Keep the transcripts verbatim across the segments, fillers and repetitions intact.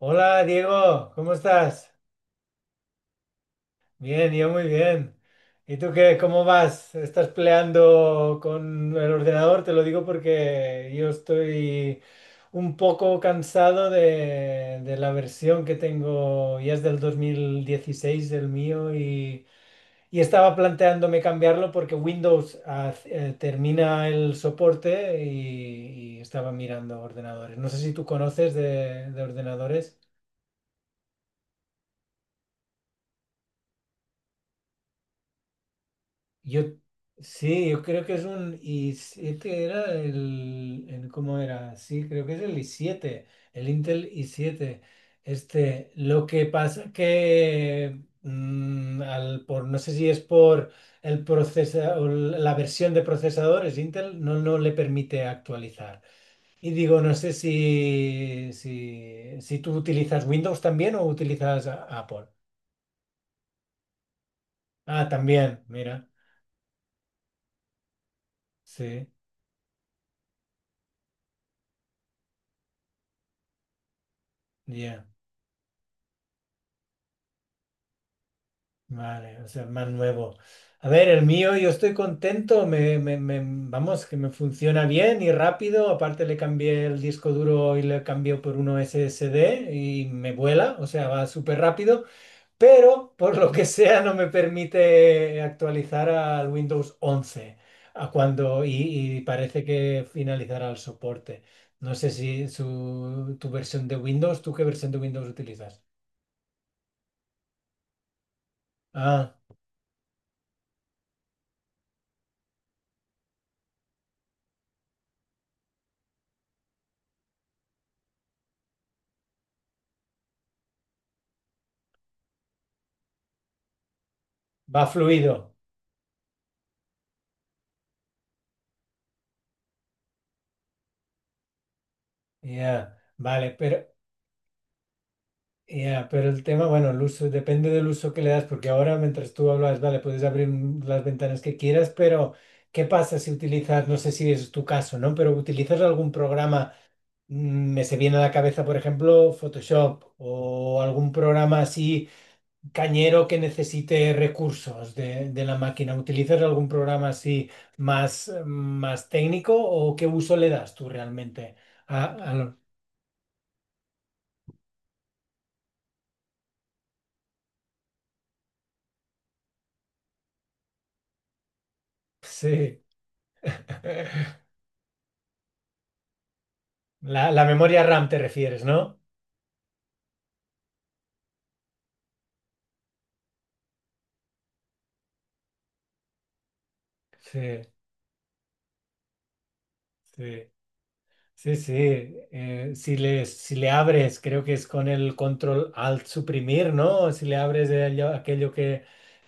Hola Diego, ¿cómo estás? Bien, yo muy bien. ¿Y tú qué? ¿Cómo vas? ¿Estás peleando con el ordenador? Te lo digo porque yo estoy un poco cansado de, de la versión que tengo, ya es del dos mil dieciséis el mío y, y estaba planteándome cambiarlo porque Windows haz- eh, termina el soporte y, y estaba mirando ordenadores. No sé si tú conoces de de ordenadores. Yo, sí, yo creo que es un i siete, era el, el- ¿cómo era? Sí, creo que es el i siete, el Intel i siete. Este, lo que pasa que, mm, al, por, no sé si es por el procesador, la versión de procesadores, Intel no, no le permite actualizar. Y digo, no sé si, si, si tú utilizas Windows también o utilizas a- Apple. Ah, también, mira, sí, ya. Vale, o sea, más nuevo. A ver, el mío, yo estoy contento, me, me- me- vamos, que me funciona bien y rápido. Aparte le cambié el disco duro y le cambié por uno S S D y me vuela, o sea, va súper rápido, pero por lo que sea no me permite actualizar al Windows once a cuando, y, y parece que finalizará el soporte. No sé si su, tu versión de Windows, ¿tú qué versión de Windows utilizas? Ah, va fluido. Ya, vale, pero ya, pero el tema, bueno, el uso, depende del uso que le das, porque ahora mientras tú hablas, vale, puedes abrir un- las ventanas que quieras, pero ¿qué pasa si utilizas, no sé si es tu caso, ¿no? Pero utilizas algún programa, mm, me se viene a la cabeza, por ejemplo, Photoshop o algún programa así cañero que necesite recursos de, de la máquina. ¿Utilizas algún programa así más, eh, más técnico o qué uso le das tú realmente? a, a lo- sí. La, la memoria RAM te refieres, ¿no? Sí, sí, sí, sí. Eh, si le, si le abres, creo que es con el control alt suprimir, ¿no? Si le abres de ello- aquello que,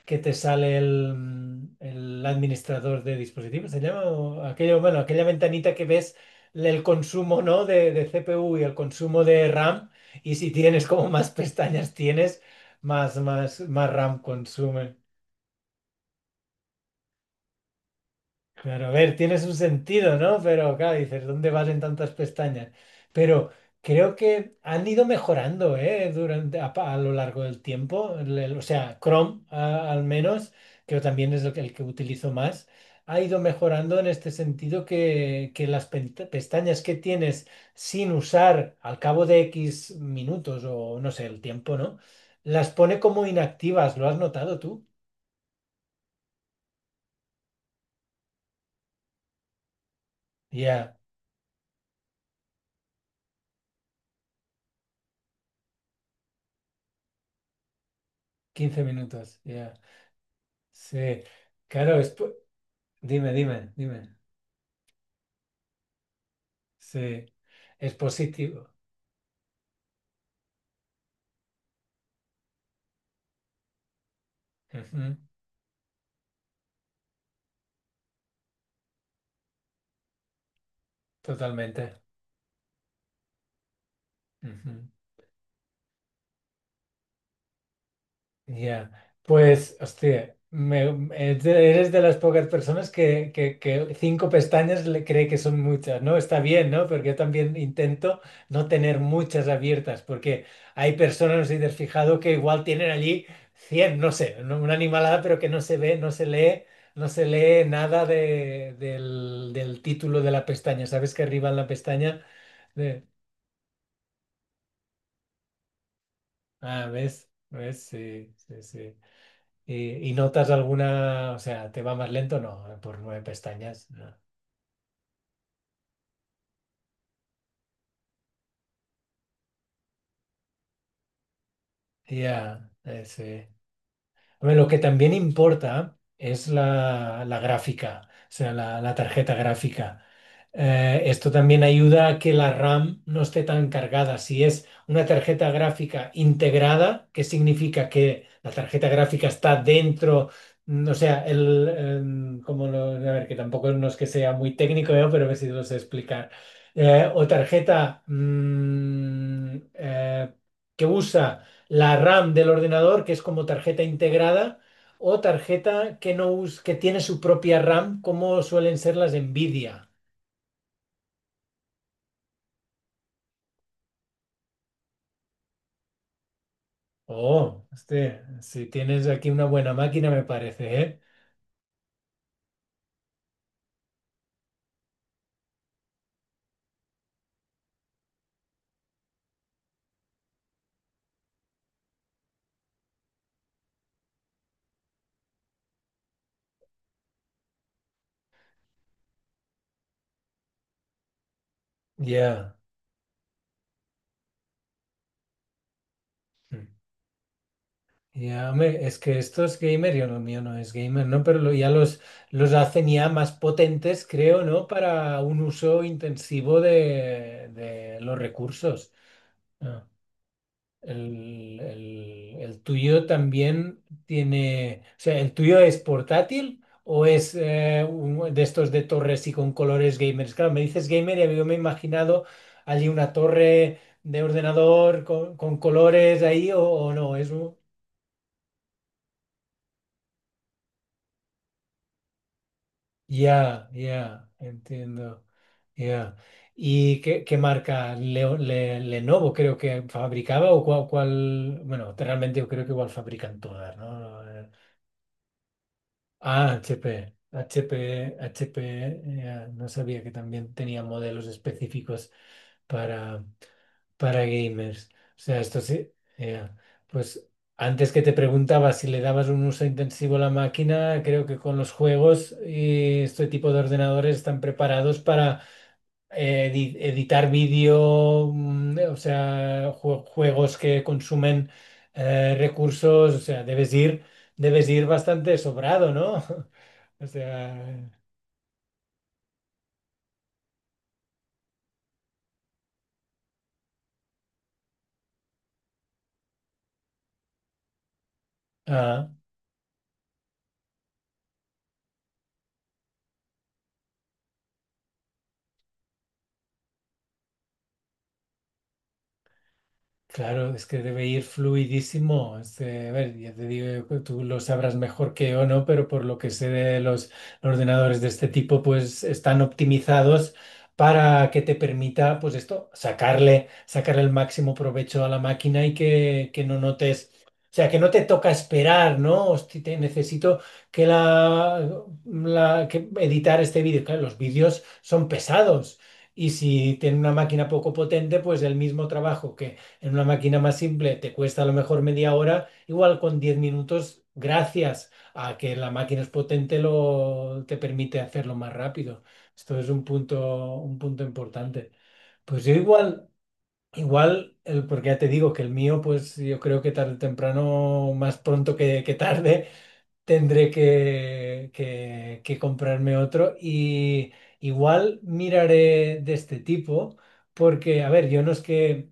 que te sale el, mm, el administrador de dispositivos, se llama, o aquello, bueno, aquella ventanita que ves el consumo, ¿no? De, de C P U y el consumo de RAM. Y si tienes como más pestañas tienes, más, más, más RAM consume. Claro, a ver, tiene su sentido, ¿no? Pero claro, dices, ¿dónde vas en tantas pestañas? Pero creo que han ido mejorando, ¿eh? Durante, a, pa- a lo largo del tiempo. El- el- o sea, Chrome, a- al menos, que también es el que, el que utilizo más, ha ido mejorando en este sentido que, que las pen- pestañas que tienes sin usar al cabo de equis minutos o no sé, el tiempo, ¿no? Las pone como inactivas, ¿lo has notado tú? Ya, quince minutos, ya. Sí, claro, es, po- dime, dime, dime. Sí, es positivo. Ujú. Totalmente. Ujú. Ya. Pues, hostia, me- me- es de- eres de las pocas personas que, que- que cinco pestañas le cree que son muchas, ¿no? Está bien, ¿no? Porque yo también intento no tener muchas abiertas, porque hay personas, no sé si te has fijado, que igual tienen allí cien no sé, no- una animalada, pero que no se ve, no se lee, no se lee nada de- del, del título de la pestaña. ¿Sabes que arriba en la pestaña? de- Ah, ¿ves? ¿Ves? Sí, sí, sí. ¿Y, y notas alguna, o sea, te va más lento? No, por nueve pestañas. No. Ya, eh, sí. Hombre, lo que también importa es la, la gráfica, o sea, la, la tarjeta gráfica. Eh, esto también ayuda a que la RAM no esté tan cargada. Si es una tarjeta gráfica integrada, que significa que la tarjeta gráfica está dentro, mm, o sea, el, em, como lo- a ver, que tampoco no es que sea muy técnico, ¿eh? Pero a ver si lo sé explicar. Eh, o tarjeta mm, eh, que usa la RAM del ordenador, que es como tarjeta integrada, o tarjeta que no us- que tiene su propia RAM, como suelen ser las Nvidia. Oh, este, si tienes aquí una buena máquina, me parece, ¿eh? Ya. Ya, hombre, es que esto es gamer, yo lo mío no es gamer, ¿no? Pero lo- ya los, los hacen ya más potentes, creo, ¿no? Para un uso intensivo de, de los recursos. Ah. El, el- el tuyo también tiene, o sea, ¿el tuyo es portátil o es eh, un- de estos de torres y con colores gamers? Claro, me dices gamer y yo me he imaginado allí una torre de ordenador con, con colores ahí o, o no, es un. Ya, ya, entiendo. Ya. ¿Y qué, qué marca? Leo- Le- Lenovo creo que fabricaba o cuál, cuál- bueno, realmente yo creo que igual fabrican todas, ¿no? Ah, H P. H P, H P, eh, no sabía que también tenía modelos específicos para, para gamers. O sea, esto sí, eh, pues antes que te preguntaba si le dabas un uso intensivo a la máquina, creo que con los juegos y este tipo de ordenadores están preparados eh, edi- editar vídeo, mm, eh, o sea, jue- juegos que consumen eh, recursos, o sea, debes ir, debes ir bastante sobrado, ¿no? O sea, ah. Claro, es que debe ir fluidísimo. Este, a ver, ya te digo, que tú lo sabrás mejor que yo, ¿no? Pero por lo que sé de los ordenadores de este tipo, pues están optimizados para que te permita, pues esto, sacarle, sacarle el máximo provecho a la máquina y que, que no notes, o sea, que no te toca esperar, ¿no? Hosti, te necesito que la, la- que editar este vídeo. Claro, los vídeos son pesados. Y si tiene una máquina poco potente, pues el mismo trabajo que en una máquina más simple te cuesta a lo mejor media hora, igual con diez minutos, gracias a que la máquina es potente, lo, te permite hacerlo más rápido. Esto es un punto, un punto importante. Pues yo igual, igual, el, porque ya te digo que el mío, pues yo creo que tarde o temprano, más pronto que, que tarde, tendré que, que- que comprarme otro y igual miraré de este tipo porque, a ver, yo no es que,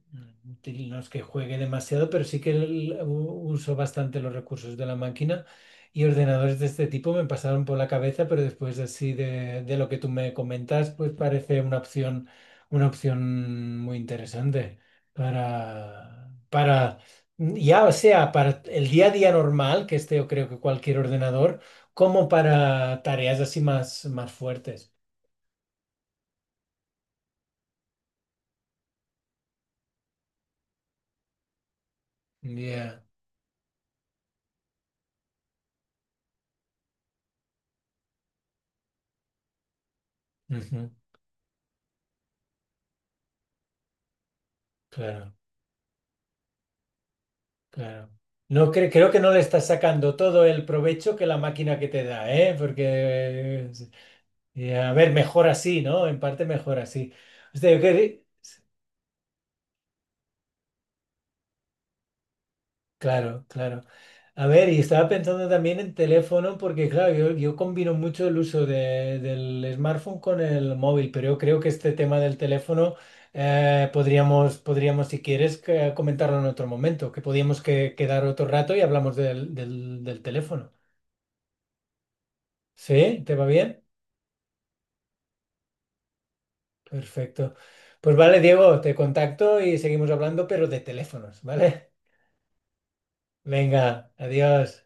no es que juegue demasiado, pero sí que el- u- uso bastante los recursos de la máquina y ordenadores de este tipo me pasaron por la cabeza, pero después así de, de lo que tú me comentas, pues parece una opción, una opción muy interesante para... para Mm, ya sea para el día a día normal, que este yo creo que cualquier ordenador, como para tareas así más, más fuertes. Ya, ujú, claro, claro. No cre- creo que no le estás sacando todo el provecho que la máquina que te da, ¿eh? Porque, eh, a ver, mejor así, ¿no? En parte mejor así. O sea. yo cre- Claro, claro. A ver, y estaba pensando también en teléfono porque, claro, yo, yo combino mucho el uso de- del smartphone con el móvil, pero yo creo que este tema del teléfono eh, podríamos, podríamos, si quieres, que- comentarlo en otro momento, que podíamos que- quedar otro rato y hablamos del, del, del teléfono. ¿Sí? ¿Te va bien? Perfecto. Pues vale, Diego, te contacto y seguimos hablando, pero de teléfonos, ¿vale? Venga, adiós.